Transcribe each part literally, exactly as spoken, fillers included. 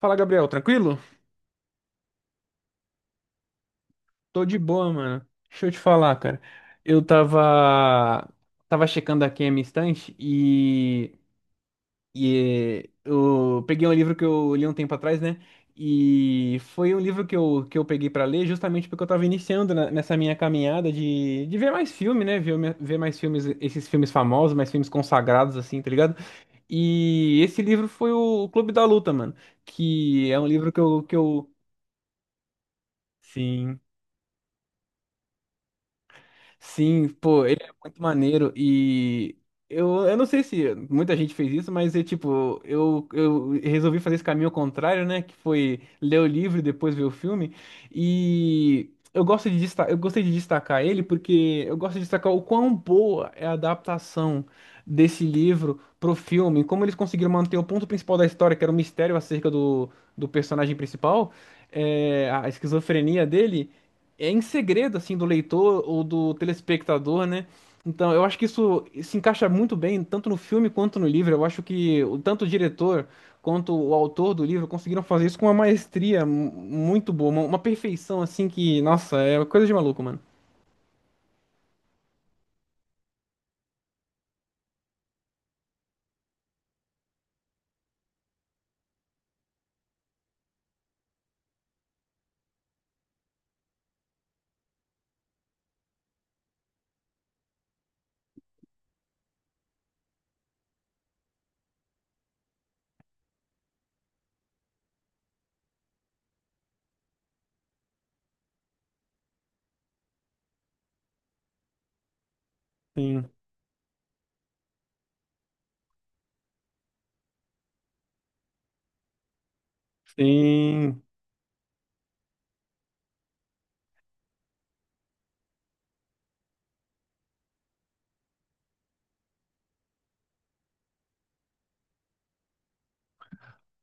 Fala, Gabriel, tranquilo? Tô de boa, mano. Deixa eu te falar, cara. Eu tava tava checando aqui a minha estante e e eh, eu peguei um livro que eu li um tempo atrás, né? E foi um livro que eu, que eu peguei pra ler justamente porque eu tava iniciando na- nessa minha caminhada de, de ver mais filme, né? Ver, me- ver mais filmes, esses filmes famosos, mais filmes consagrados, assim, tá ligado? E esse livro foi o Clube da Luta, mano. Que é um livro que eu, que eu, sim. Sim, pô, ele é muito maneiro e eu, eu não sei se muita gente fez isso, mas é tipo, eu, eu resolvi fazer esse caminho ao contrário, né? Que foi ler o livro e depois ver o filme. E eu gosto de destacar, eu gostei de destacar ele porque eu gosto de destacar o quão boa é a adaptação desse livro pro filme, como eles conseguiram manter o ponto principal da história, que era o mistério acerca do, do personagem principal, é, a esquizofrenia dele é em segredo assim do leitor ou do telespectador, né? Então, eu acho que isso se encaixa muito bem, tanto no filme quanto no livro. Eu acho que o- tanto o diretor quanto o autor do livro conseguiram fazer isso com uma maestria mu- muito boa, uma, uma perfeição assim que, nossa, é coisa de maluco, mano. Sim, sim.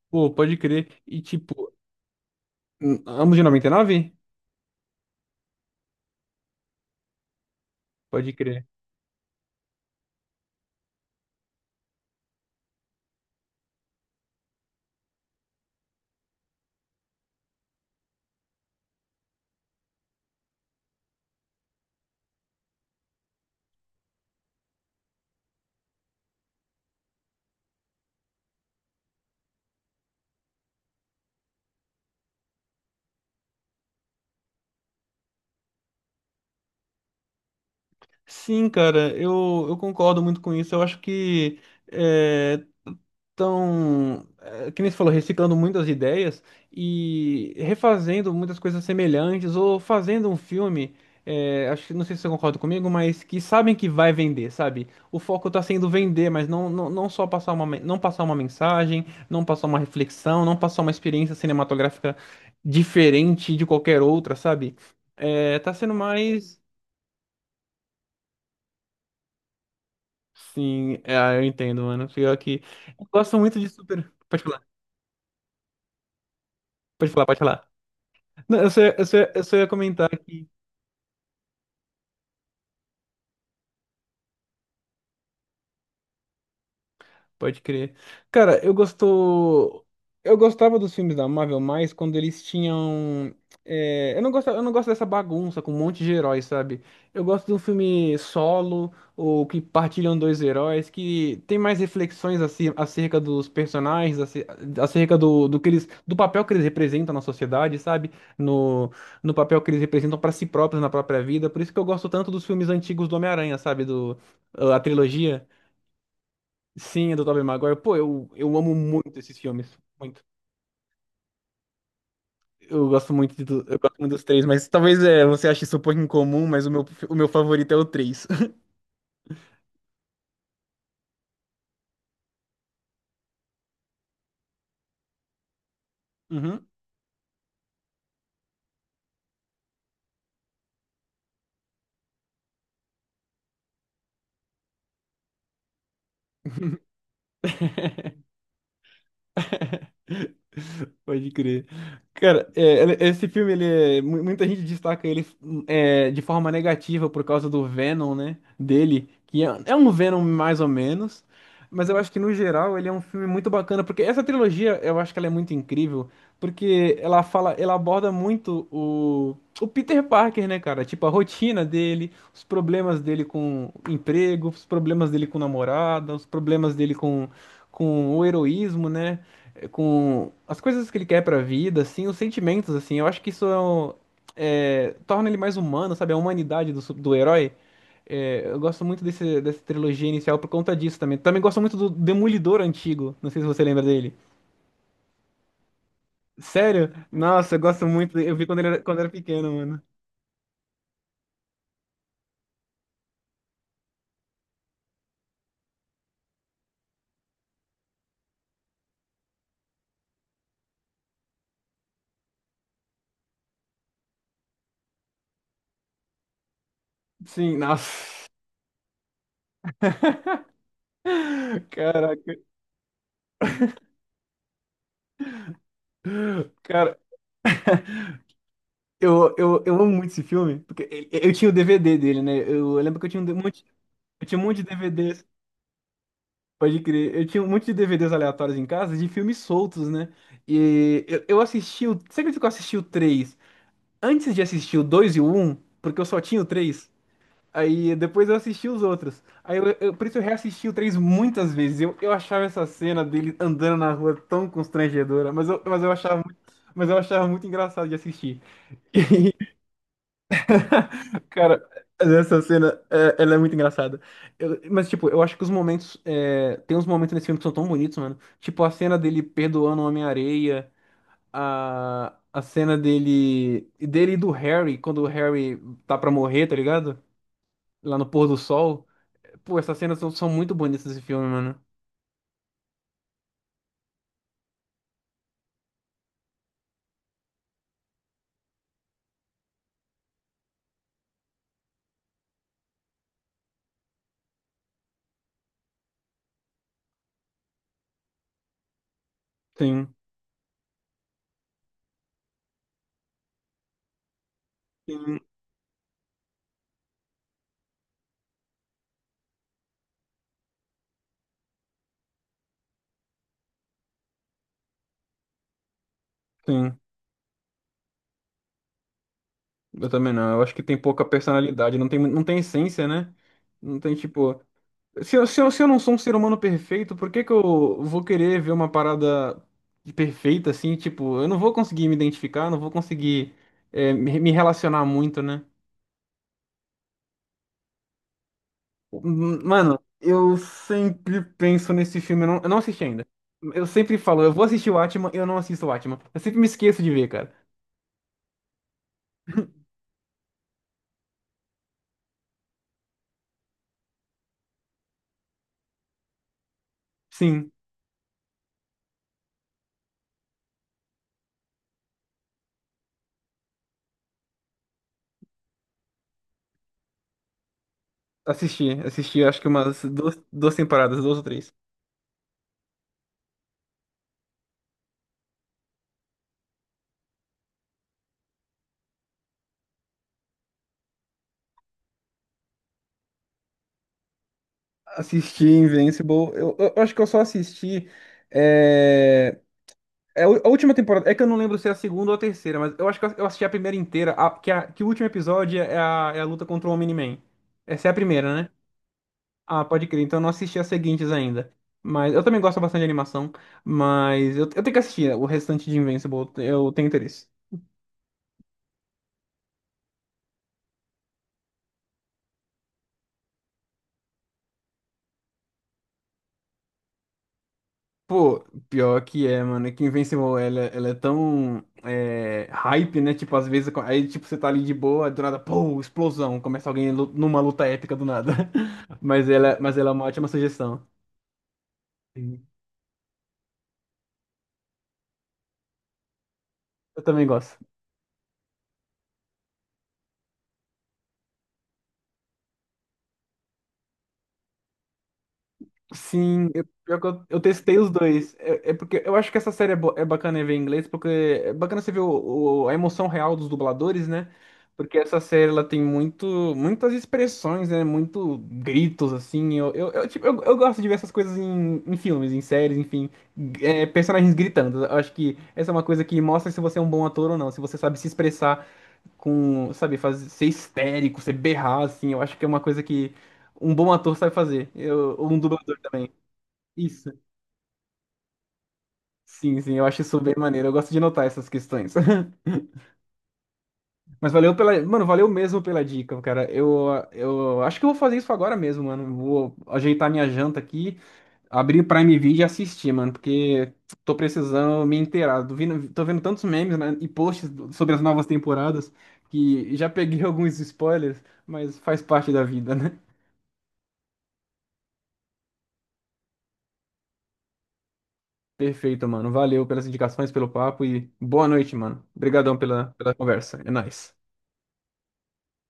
Pô, pode crer. E tipo, hum, ambos de noventa e nove? Pode crer. Sim, cara, eu, eu concordo muito com isso. Eu acho que eh, Então, é, que nem você falou, reciclando muitas ideias e refazendo muitas coisas semelhantes ou fazendo um filme, é, acho que não sei se você concorda comigo, mas que sabem que vai vender, sabe? O foco tá sendo vender, mas não, não, não só passar uma, men- não passar uma mensagem, não passar uma reflexão, não passar uma experiência cinematográfica diferente de qualquer outra, sabe? É, tá sendo mais. Sim, é, eu entendo, mano. Pior que. Eu gosto muito de super. Pode falar, pode falar, pode falar. Não, eu só, ia- eu só, ia- eu só ia comentar que pode crer. Cara, eu gostou. Eu gostava dos filmes da Marvel mais quando eles tinham. É, Eu não gosto, eu não gosto dessa bagunça com um monte de heróis, sabe? Eu gosto de um filme solo, ou que partilham dois heróis, que tem mais reflexões aci- acerca dos personagens, aci- acerca do, do que eles, do papel que eles representam na sociedade, sabe? No, no papel que eles representam pra si próprios na própria vida. Por isso que eu gosto tanto dos filmes antigos do Homem-Aranha, sabe? Do, a trilogia. Sim, é do Tobey Maguire. Pô, eu, eu amo muito esses filmes. Muito. Eu gosto muito de, tu- eu gosto muito dos três, mas talvez é, você ache isso um pouco incomum, mas o meu, o meu favorito é o três. Uhum. Pode crer. Cara, é, ele- esse filme, ele é- mu- muita gente destaca ele é, de forma negativa por causa do Venom, né? Dele, que é, é um Venom mais ou menos, mas eu acho que no geral ele é um filme muito bacana, porque essa trilogia eu acho que ela é muito incrível, porque ela fala, ela aborda muito o, o Peter Parker, né, cara? Tipo, a rotina dele, os problemas dele com emprego, os problemas dele com namorada, os problemas dele com, com o heroísmo, né? É, com as coisas que ele quer pra vida, assim, os sentimentos, assim. Eu acho que isso é, um- é, torna ele mais humano, sabe? A humanidade do, su- do herói. É, eu gosto muito desse, dessa trilogia inicial por conta disso também. Também gosto muito do Demolidor antigo. Não sei se você lembra dele. Sério? Nossa, eu gosto muito dele. Eu vi quando ele era, quando era pequeno, mano. Sim, nossa. Caraca, cara. Eu, eu, eu amo muito esse filme, porque ele- eu tinha o D V D dele, né? Eu lembro que eu tinha um monte, eu tinha um monte de D V Dês. Pode crer. Eu tinha um monte de D V Dês aleatórios em casa de filmes soltos, né? E eu, eu assisti o. Você acredita que eu assisti o três, antes de assistir o dois e o um? Porque eu só tinha o três. Aí depois eu assisti os outros. Aí eu, eu- por isso eu reassisti o três muitas vezes. Eu, eu achava essa cena dele andando na rua tão constrangedora, mas eu, mas eu achava muito, mas eu achava muito engraçado de assistir. Cara, essa cena, é, ela é muito engraçada. Eu- mas, tipo, eu acho que os momentos. É, tem uns momentos nesse filme que são tão bonitos, mano. Tipo, a cena dele perdoando o Homem-Areia, a, a cena dele. dele e do Harry, quando o Harry tá pra morrer, tá ligado? Lá no pôr do sol. Pô, essas cenas são, são muito bonitas desse filme, mano. Sim, sim, sim. Eu também não. Eu acho que tem pouca personalidade, não tem, não tem essência, né? Não tem, tipo. Se eu, se eu, se eu não sou um ser humano perfeito, por que que eu vou querer ver uma parada de perfeita assim? Tipo, eu não vou conseguir me identificar, não vou conseguir é, me, me relacionar muito, né? M- Mano, eu sempre penso nesse filme, eu não, eu não assisti ainda. Eu sempre falo, eu vou assistir o Atman, eu não assisto o Atman. Eu sempre me esqueço de ver, cara. Sim, assisti, assisti acho que umas duas, duas temporadas, duas ou três. Assisti Invincible, eu, eu acho que eu só assisti. É, É, o- a última temporada, é que eu não lembro se é a segunda ou a terceira, mas eu acho que eu assisti a primeira inteira, a- que, a- que o último episódio é a, é a luta contra o Omni-Man. Essa é a primeira, né? Ah, pode crer, então eu não assisti as seguintes ainda. Mas eu também gosto bastante de animação, mas eu, eu tenho que assistir o restante de Invincible, eu tenho interesse. Pô, pior que é, mano, é que Invincible, ela, ela é tão é, hype, né? Tipo, às vezes, aí tipo, você tá ali de boa, do nada, pô, explosão, começa alguém lu- numa luta épica do nada. Mas ela, mas ela é uma ótima sugestão. Eu também gosto. Sim, eu, pior que eu, eu testei os dois. É, é porque eu acho que essa série é, bo- é bacana ver em inglês, porque é bacana você ver o, o- a emoção real dos dubladores, né? Porque essa série ela tem muito, muitas expressões, né? Muito gritos, assim. Eu, eu, eu, tipo, eu, eu gosto de ver essas coisas em, em filmes, em séries, enfim. É, personagens gritando. Eu acho que essa é uma coisa que mostra se você é um bom ator ou não, se você sabe se expressar com, sabe, fazer, ser histérico, ser berrar, assim. Eu acho que é uma coisa que um bom ator sabe fazer. Eu, ou um dublador também. Isso. Sim, sim, eu acho isso bem maneiro. Eu gosto de notar essas questões. Mas valeu pela. Mano, valeu mesmo pela dica, cara. Eu, eu acho que eu vou fazer isso agora mesmo, mano. Vou ajeitar minha janta aqui, abrir o Prime Video e assistir, mano, porque tô precisando me inteirar. Tô vendo, tô vendo tantos memes, né, e posts sobre as novas temporadas que já peguei alguns spoilers, mas faz parte da vida, né? Perfeito, mano. Valeu pelas indicações, pelo papo e boa noite, mano. Obrigadão pela, pela conversa. É nóis.